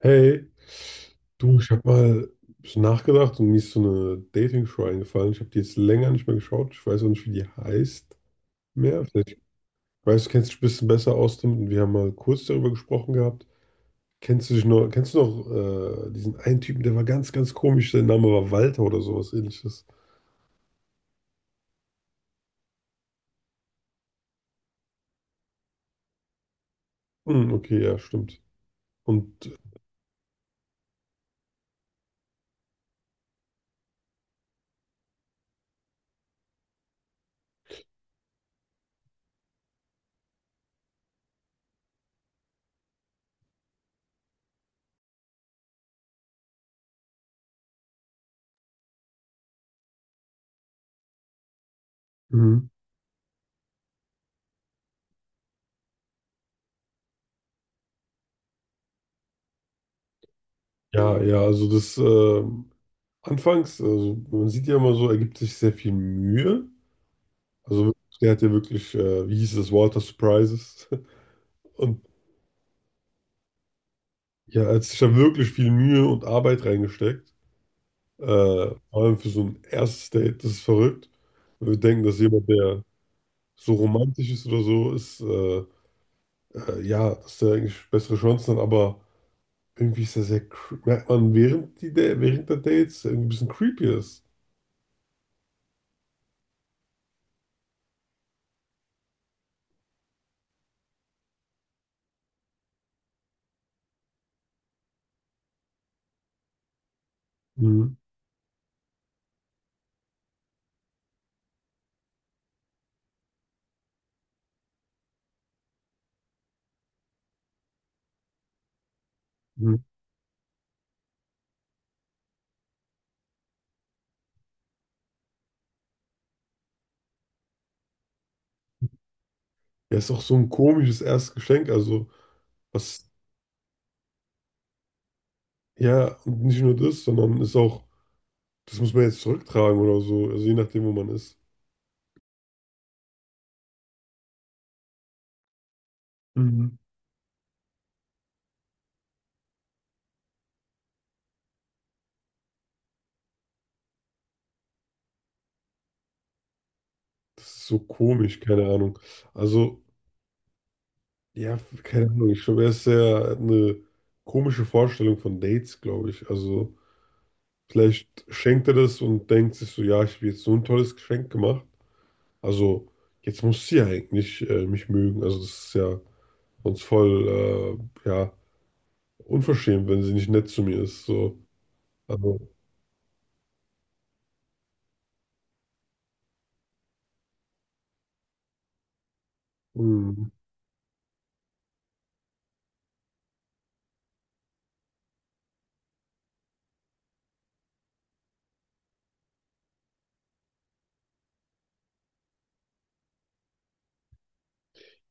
Hey, du, ich habe mal ein bisschen nachgedacht und mir ist so eine Dating-Show eingefallen. Ich habe die jetzt länger nicht mehr geschaut. Ich weiß auch nicht, wie die heißt mehr. Vielleicht weißt du, kennst dich ein bisschen besser aus damit und wir haben mal kurz darüber gesprochen gehabt. Kennst du dich noch, kennst du noch diesen einen Typen, der war ganz komisch, der Name war Walter oder sowas ähnliches. Hm, okay, ja, stimmt. Und mhm. Ja, ja, also das anfangs, also man sieht ja immer so, er gibt sich sehr viel Mühe. Also der hat ja wirklich, wie hieß es, Water Surprises. Und ja, er hat sich da wirklich viel Mühe und Arbeit reingesteckt. Äh, Vor allem für so ein erstes Date, das ist verrückt. Weil wir denken, dass jemand, der so romantisch ist oder so, ist, ja, dass der eigentlich bessere Chancen hat, aber irgendwie ist er sehr, merkt man während, die, während der Dates, irgendwie ein bisschen creepy ist. Mhm. Mhm. Ja, ist auch so ein komisches erstes Geschenk, also was, ja, und nicht nur das, sondern ist auch das muss man jetzt zurücktragen oder so, also je nachdem, wo man ist. Mhm. Das ist so komisch, keine Ahnung. Also, ja, keine Ahnung. Ich glaube, er ist sehr eine komische Vorstellung von Dates, glaube ich. Also, vielleicht schenkt er das und denkt sich so, ja, ich habe jetzt so ein tolles Geschenk gemacht. Also, jetzt muss sie ja eigentlich mich mögen. Also, das ist ja sonst voll, ja, unverschämt, wenn sie nicht nett zu mir ist. So, also, mh.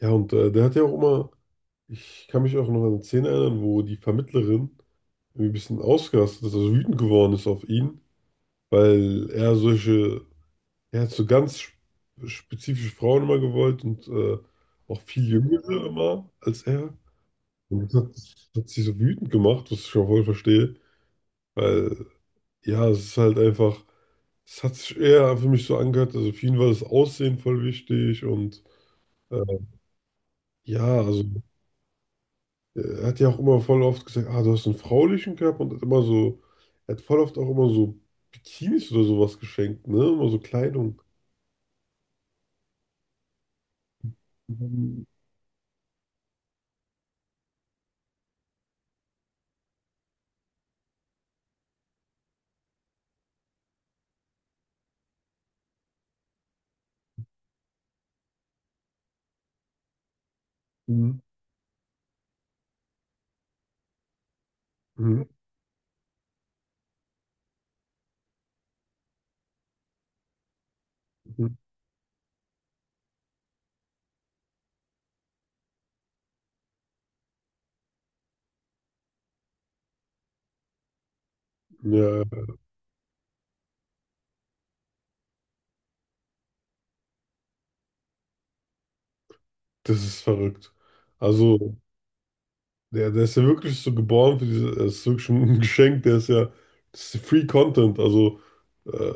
Ja, und der hat ja auch immer ich kann mich auch noch an eine Szene erinnern, wo die Vermittlerin irgendwie ein bisschen ausgerastet ist, also wütend geworden ist auf ihn, weil er solche, er hat so ganz spezifische Frauen immer gewollt und auch viel jüngere immer als er. Und das hat sie so wütend gemacht, was ich auch voll verstehe, weil ja, es ist halt einfach, es hat sich eher für mich so angehört, also für ihn war das Aussehen voll wichtig und äh, ja, also. Er hat ja auch immer voll oft gesagt, ah, du hast einen fraulichen Körper und hat immer so, er hat voll oft auch immer so Bikinis oder sowas geschenkt, ne? Immer so Kleidung. Mhm. Mhm. Mhm. Mhm. Ja, das ist verrückt. Also, der, der ist ja wirklich so geboren für diese, das ist wirklich ein Geschenk, der ist ja, das ist Free Content, also äh,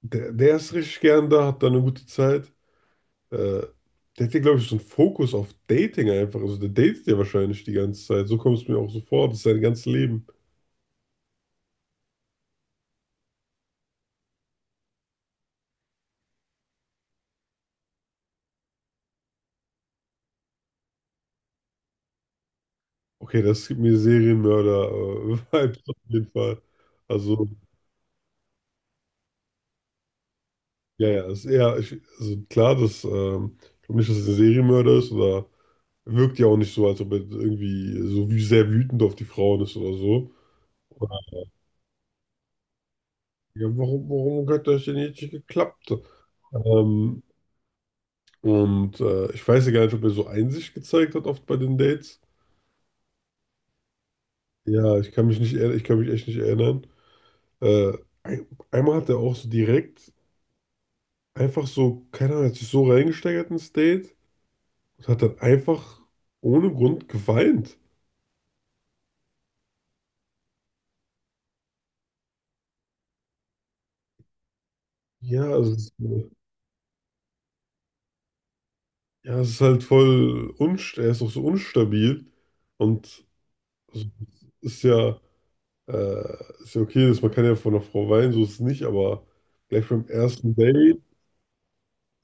der, der ist richtig gern da, hat da eine gute Zeit. Äh, Der hat ja, glaube ich, so einen Fokus auf Dating einfach, also der datet ja wahrscheinlich die ganze Zeit, so kommt es mir auch so vor, das ist sein ganzes Leben. Okay, das gibt mir Serienmörder-Vibes auf jeden Fall. Also, ja, ja, ist eher, ich, also klar, dass, ich glaube nicht, dass es ein Serienmörder ist oder wirkt ja auch nicht so, als ob er irgendwie so wie sehr wütend auf die Frauen ist oder so. Ja, warum hat das denn jetzt nicht geklappt? Ähm, und ich weiß ja gar nicht, ob er so Einsicht gezeigt hat oft bei den Dates. Ja, ich kann mich echt nicht erinnern. Äh, einmal hat er auch so direkt einfach so, keine Ahnung, hat sich so reingesteigert ins Date und hat dann einfach ohne Grund geweint. Ja, also, es ja, es ist halt voll unst er ist auch so unstabil und also, es äh, ist ja okay, dass man kann ja von einer Frau weinen, so ist es nicht, aber gleich beim ersten Date,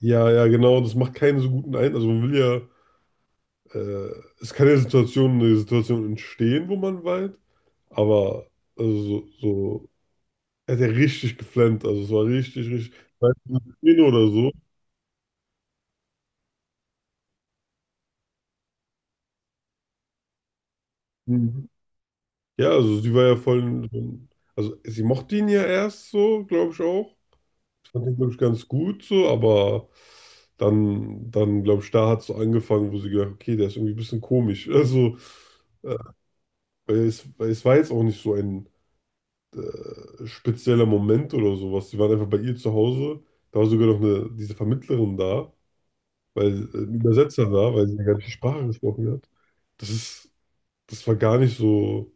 ja, ja, genau, das macht keinen so guten Eindruck. Also man will ja, äh, es kann ja eine Situation entstehen, wo man weint, aber also so, so er hat ja richtig geflammt, also es war richtig, weißt du, eine Szene oder so. Mhm. Ja, also sie war ja voll, so also sie mochte ihn ja erst so, glaube ich auch. Fand ihn, glaube ich, ganz gut so, aber dann glaube ich, da hat es so angefangen, wo sie gedacht, okay, der ist irgendwie ein bisschen komisch. Also, äh, weil es war jetzt auch nicht so ein spezieller Moment oder sowas. Sie waren einfach bei ihr zu Hause. Da war sogar noch eine, diese Vermittlerin da, weil ein Übersetzer da, weil sie ja gar nicht die Sprache gesprochen hat. Das ist, das war gar nicht so.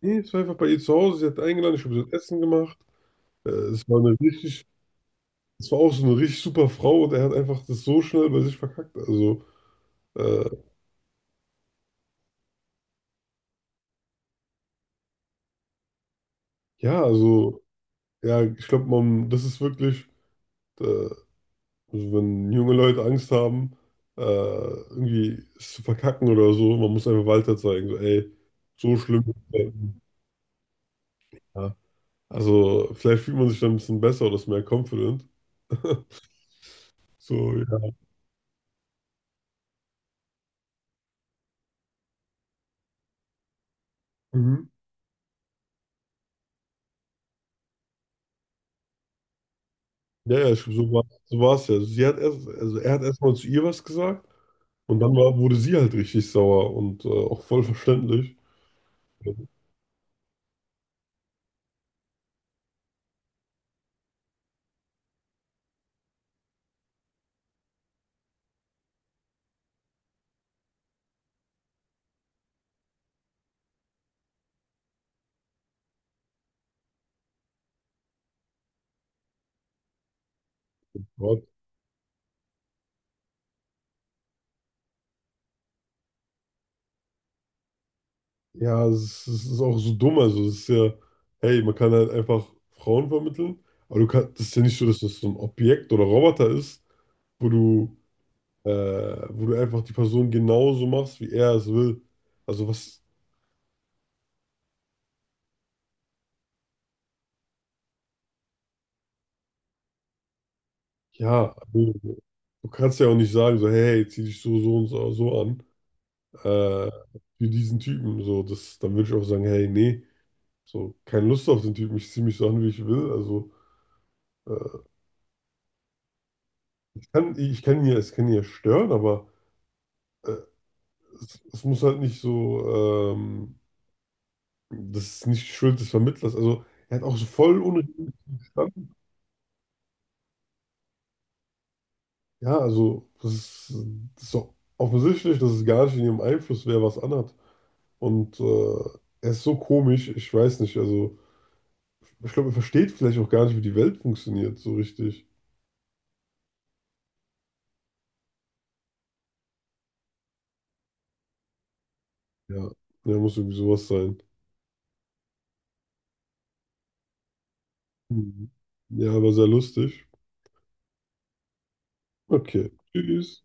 Nee, es war einfach bei ihr zu Hause. Sie hat eingeladen, ich habe so Essen gemacht. Es war eine richtig, es war auch so eine richtig super Frau und er hat einfach das so schnell bei sich verkackt. Also, äh, ja, also, ja, ich glaube, man, das ist wirklich, äh, also wenn junge Leute Angst haben, irgendwie es zu verkacken oder so, man muss einfach weiter zeigen, so, ey, so schlimm ist es nicht. Ja. Also, vielleicht fühlt man sich dann ein bisschen besser oder ist mehr confident. So, ja. Mhm. Ja, ja, ich, so war es ja. Sie hat erst, also er hat erstmal zu ihr was gesagt. Und dann war, wurde sie halt richtig sauer und auch voll verständlich. Gott, ja, es ist auch so dumm. Also, es ist ja, hey, man kann halt einfach Frauen vermitteln, aber du kannst, das ist ja nicht so, dass das so ein Objekt oder Roboter ist, wo du, äh, wo du einfach die Person genauso machst, wie er es will. Also, was, ja, du kannst ja auch nicht sagen, so, hey, zieh dich so und so so an, äh, wie diesen Typen. So, das, dann würde ich auch sagen, hey, nee, so, keine Lust auf den Typen, ich zieh mich so an, wie ich will. Also, äh, ich kann ihn ja, es kann ihn ja stören, aber äh, es muss halt nicht so, das ist nicht die Schuld des Vermittlers. Also er hat auch so voll unrealistisch gestanden. Ja, also das ist doch offensichtlich, dass es gar nicht in ihrem Einfluss wäre, was anhat. Und er ist so komisch, ich weiß nicht. Also ich glaube, er versteht vielleicht auch gar nicht, wie die Welt funktioniert, so richtig. Ja, ja, muss irgendwie sowas sein. Mhm. Ja, aber sehr lustig. Okay, tschüss.